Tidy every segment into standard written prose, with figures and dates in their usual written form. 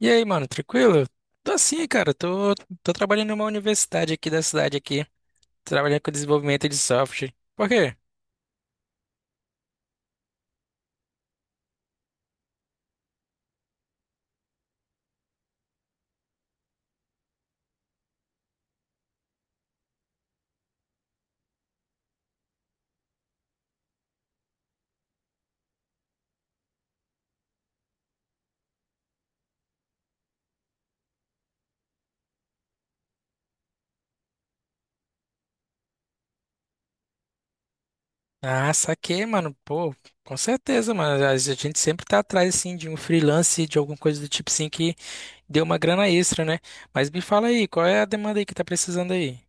E aí, mano, tranquilo? Tô assim, cara, tô, tô trabalhando numa universidade aqui da cidade aqui, trabalhando com desenvolvimento de software. Por quê? Ah, saquei, mano, pô, com certeza, mano, a gente sempre tá atrás, assim, de um freelance, de alguma coisa do tipo, assim, que dê uma grana extra, né? Mas me fala aí, qual é a demanda aí que tá precisando aí?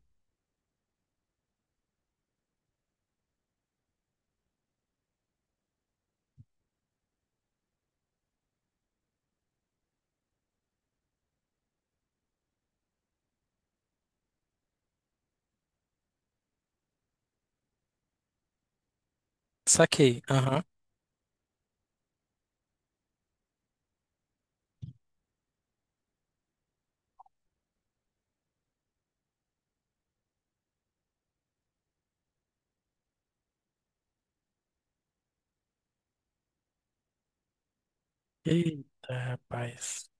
Saquei, aham. Eita, rapaz.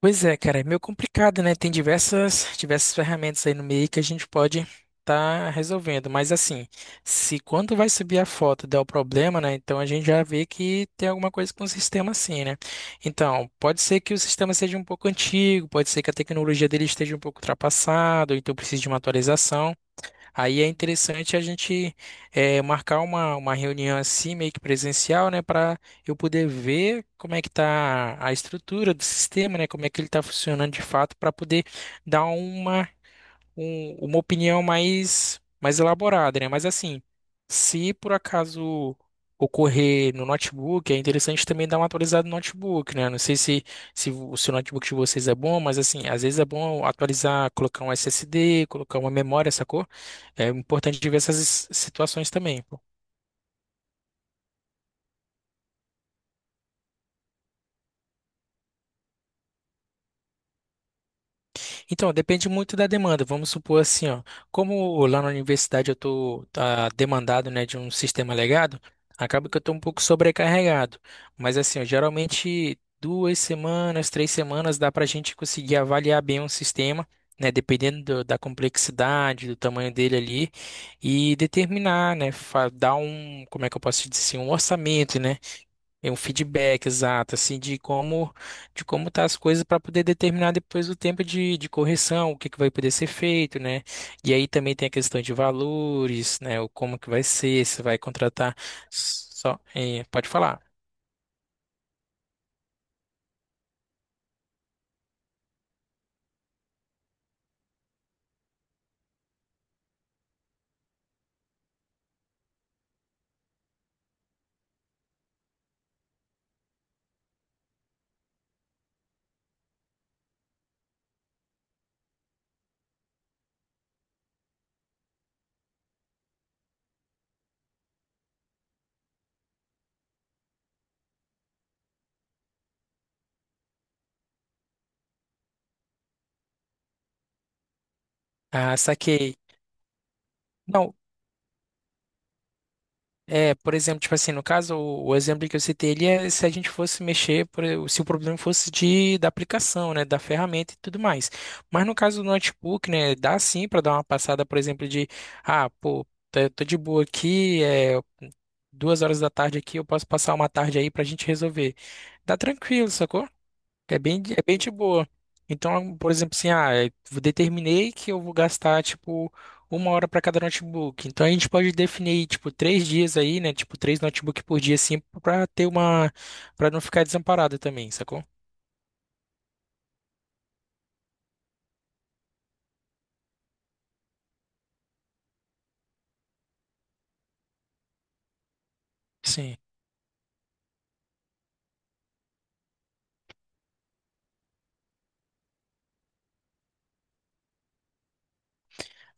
Pois é, cara, é meio complicado, né? Tem diversas ferramentas aí no meio que a gente pode tá resolvendo, mas assim, se quando vai subir a foto der o problema, né? Então a gente já vê que tem alguma coisa com o sistema assim, né? Então, pode ser que o sistema seja um pouco antigo, pode ser que a tecnologia dele esteja um pouco ultrapassada, ou então precise de uma atualização. Aí é interessante a gente marcar uma reunião assim, meio que presencial, né, para eu poder ver como é que está a estrutura do sistema, né, como é que ele está funcionando de fato, para poder dar uma uma opinião mais, mais elaborada, né? Mas assim, se por acaso ocorrer no notebook, é interessante também dar uma atualizada no notebook, né? Não sei se, se o seu notebook de vocês é bom, mas assim, às vezes é bom atualizar, colocar um SSD, colocar uma memória, sacou? É importante ver essas situações também. Então, depende muito da demanda. Vamos supor assim, ó, como lá na universidade eu estou demandado, né, de um sistema legado, acaba que eu estou um pouco sobrecarregado. Mas assim, ó, geralmente duas semanas, três semanas dá para a gente conseguir avaliar bem um sistema, né, dependendo da complexidade, do tamanho dele ali, e determinar, né, dar um, como é que eu posso dizer assim, um orçamento, né, é um feedback exato, assim, de como tá as coisas para poder determinar depois o tempo de correção, o que que vai poder ser feito, né? E aí também tem a questão de valores, né? O como que vai ser, se vai contratar só, é, pode falar. Ah, saquei. Não, é, por exemplo, tipo assim, no caso, o exemplo que eu citei, ele é se a gente fosse mexer, se o problema fosse de, da aplicação, né, da ferramenta e tudo mais. Mas no caso do notebook, né, dá sim para dar uma passada, por exemplo, de, ah, pô, tô, tô de boa aqui, é duas horas da tarde aqui, eu posso passar uma tarde aí pra gente resolver. Dá tranquilo, sacou? É bem, é bem de boa. Então, por exemplo, assim, ah, eu determinei que eu vou gastar, tipo, uma hora para cada notebook. Então, a gente pode definir, tipo, três dias aí, né? Tipo, três notebook por dia, assim, para ter uma, para não ficar desamparado também, sacou? Sim.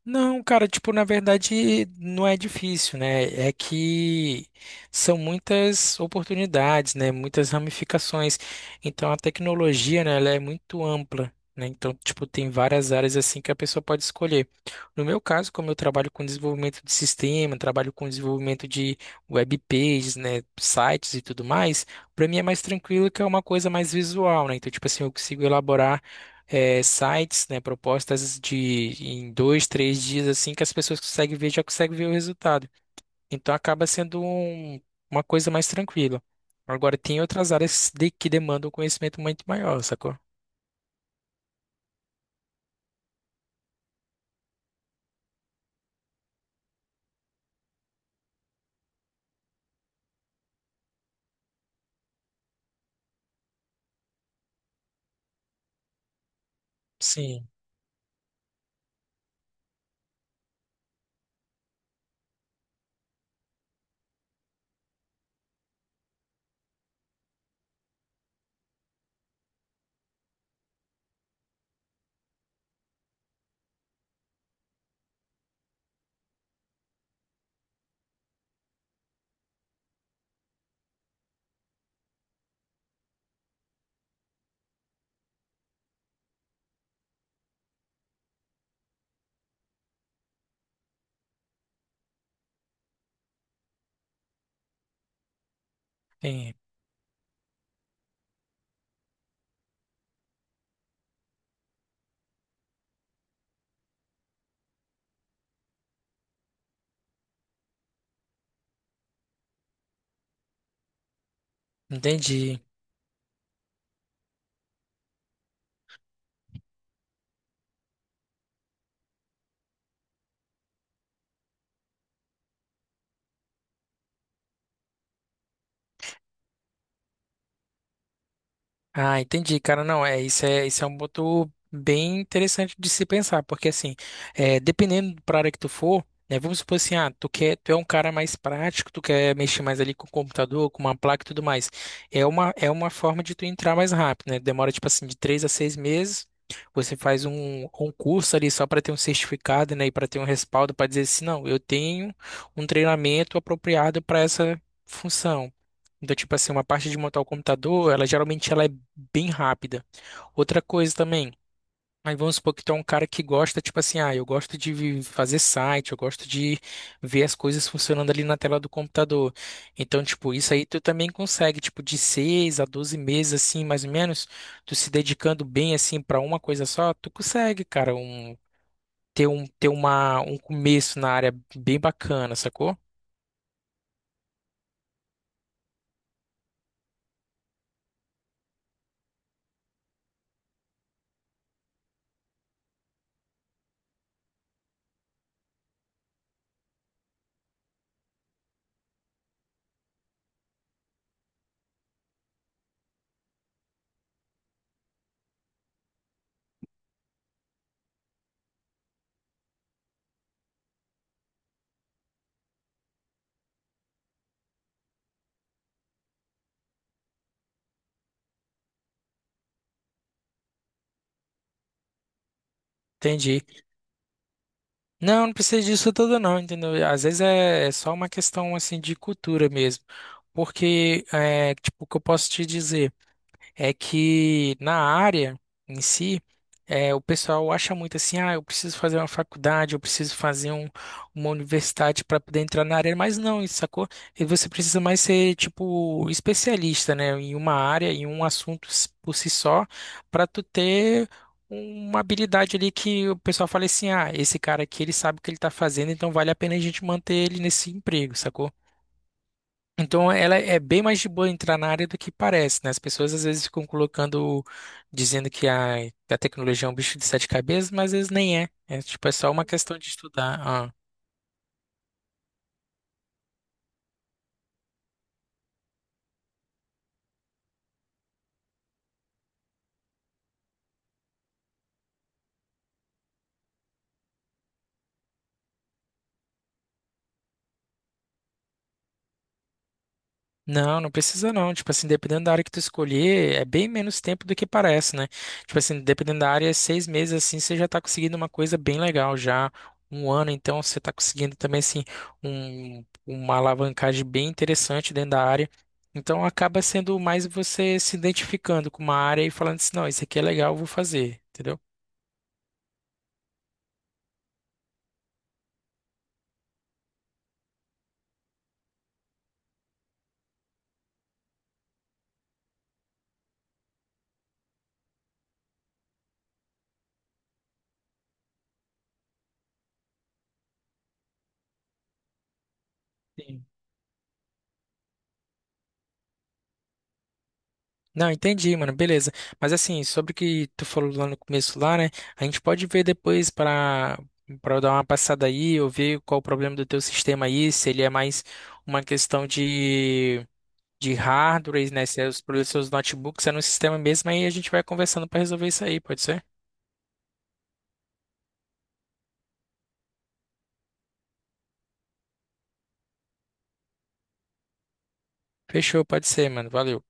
Não, cara, tipo, na verdade não é difícil, né? É que são muitas oportunidades, né? Muitas ramificações. Então a tecnologia, né, ela é muito ampla, né? Então, tipo, tem várias áreas assim que a pessoa pode escolher. No meu caso, como eu trabalho com desenvolvimento de sistema, trabalho com desenvolvimento de web pages, né, sites e tudo mais, para mim é mais tranquilo que é uma coisa mais visual, né? Então, tipo assim, eu consigo elaborar sites, né, propostas de em dois, três dias assim que as pessoas conseguem ver, já conseguem ver o resultado. Então acaba sendo uma coisa mais tranquila. Agora tem outras áreas que demandam um conhecimento muito maior, sacou? Sim, sim, entendi. Ah, entendi, cara. Não, isso é um ponto bem interessante de se pensar, porque assim, é, dependendo para área que tu for, né, vamos supor assim, ah, tu quer, tu é um cara mais prático, tu quer mexer mais ali com o computador, com uma placa e tudo mais. É uma forma de tu entrar mais rápido, né? Demora tipo assim de três a seis meses. Você faz um, um curso ali só para ter um certificado, né, e para ter um respaldo para dizer assim, não, eu tenho um treinamento apropriado para essa função. Então, tipo assim, uma parte de montar o computador, ela geralmente ela é bem rápida. Outra coisa também, aí vamos supor que tu é um cara que gosta, tipo assim, ah, eu gosto de fazer site, eu gosto de ver as coisas funcionando ali na tela do computador. Então, tipo, isso aí tu também consegue, tipo, de 6 a 12 meses, assim, mais ou menos, tu se dedicando bem, assim, para uma coisa só, tu consegue, cara, um, ter uma, um começo na área bem bacana, sacou? Entendi. Não, não precisa disso tudo não, entendeu? Às vezes é, é só uma questão assim de cultura mesmo. Porque, é, tipo, o que eu posso te dizer? É que na área em si, é, o pessoal acha muito assim, ah, eu preciso fazer uma faculdade, eu preciso fazer uma universidade para poder entrar na área, mas não, isso sacou? E você precisa mais ser, tipo, especialista, né, em uma área, em um assunto por si só, para tu ter uma habilidade ali que o pessoal fala assim, ah, esse cara aqui, ele sabe o que ele tá fazendo, então vale a pena a gente manter ele nesse emprego, sacou? Então, ela é bem mais de boa entrar na área do que parece, né? As pessoas às vezes ficam colocando, dizendo que a tecnologia é um bicho de sete cabeças, mas às vezes nem é. É tipo, é só uma questão de estudar. Ah. Não, não precisa não. Tipo assim, dependendo da área que tu escolher, é bem menos tempo do que parece, né? Tipo assim, dependendo da área, seis meses assim, você já tá conseguindo uma coisa bem legal já. Um ano, então, você tá conseguindo também, assim, uma alavancagem bem interessante dentro da área. Então, acaba sendo mais você se identificando com uma área e falando assim, não, isso aqui é legal, eu vou fazer, entendeu? Sim. Não, entendi, mano, beleza. Mas assim, sobre o que tu falou lá no começo lá, né? A gente pode ver depois para para dar uma passada aí, eu ver qual o problema do teu sistema aí, se ele é mais uma questão de hardware, né? Se é os problemas dos seus notebooks é no sistema mesmo, aí a gente vai conversando para resolver isso aí, pode ser? Fechou, pode ser, mano. Valeu.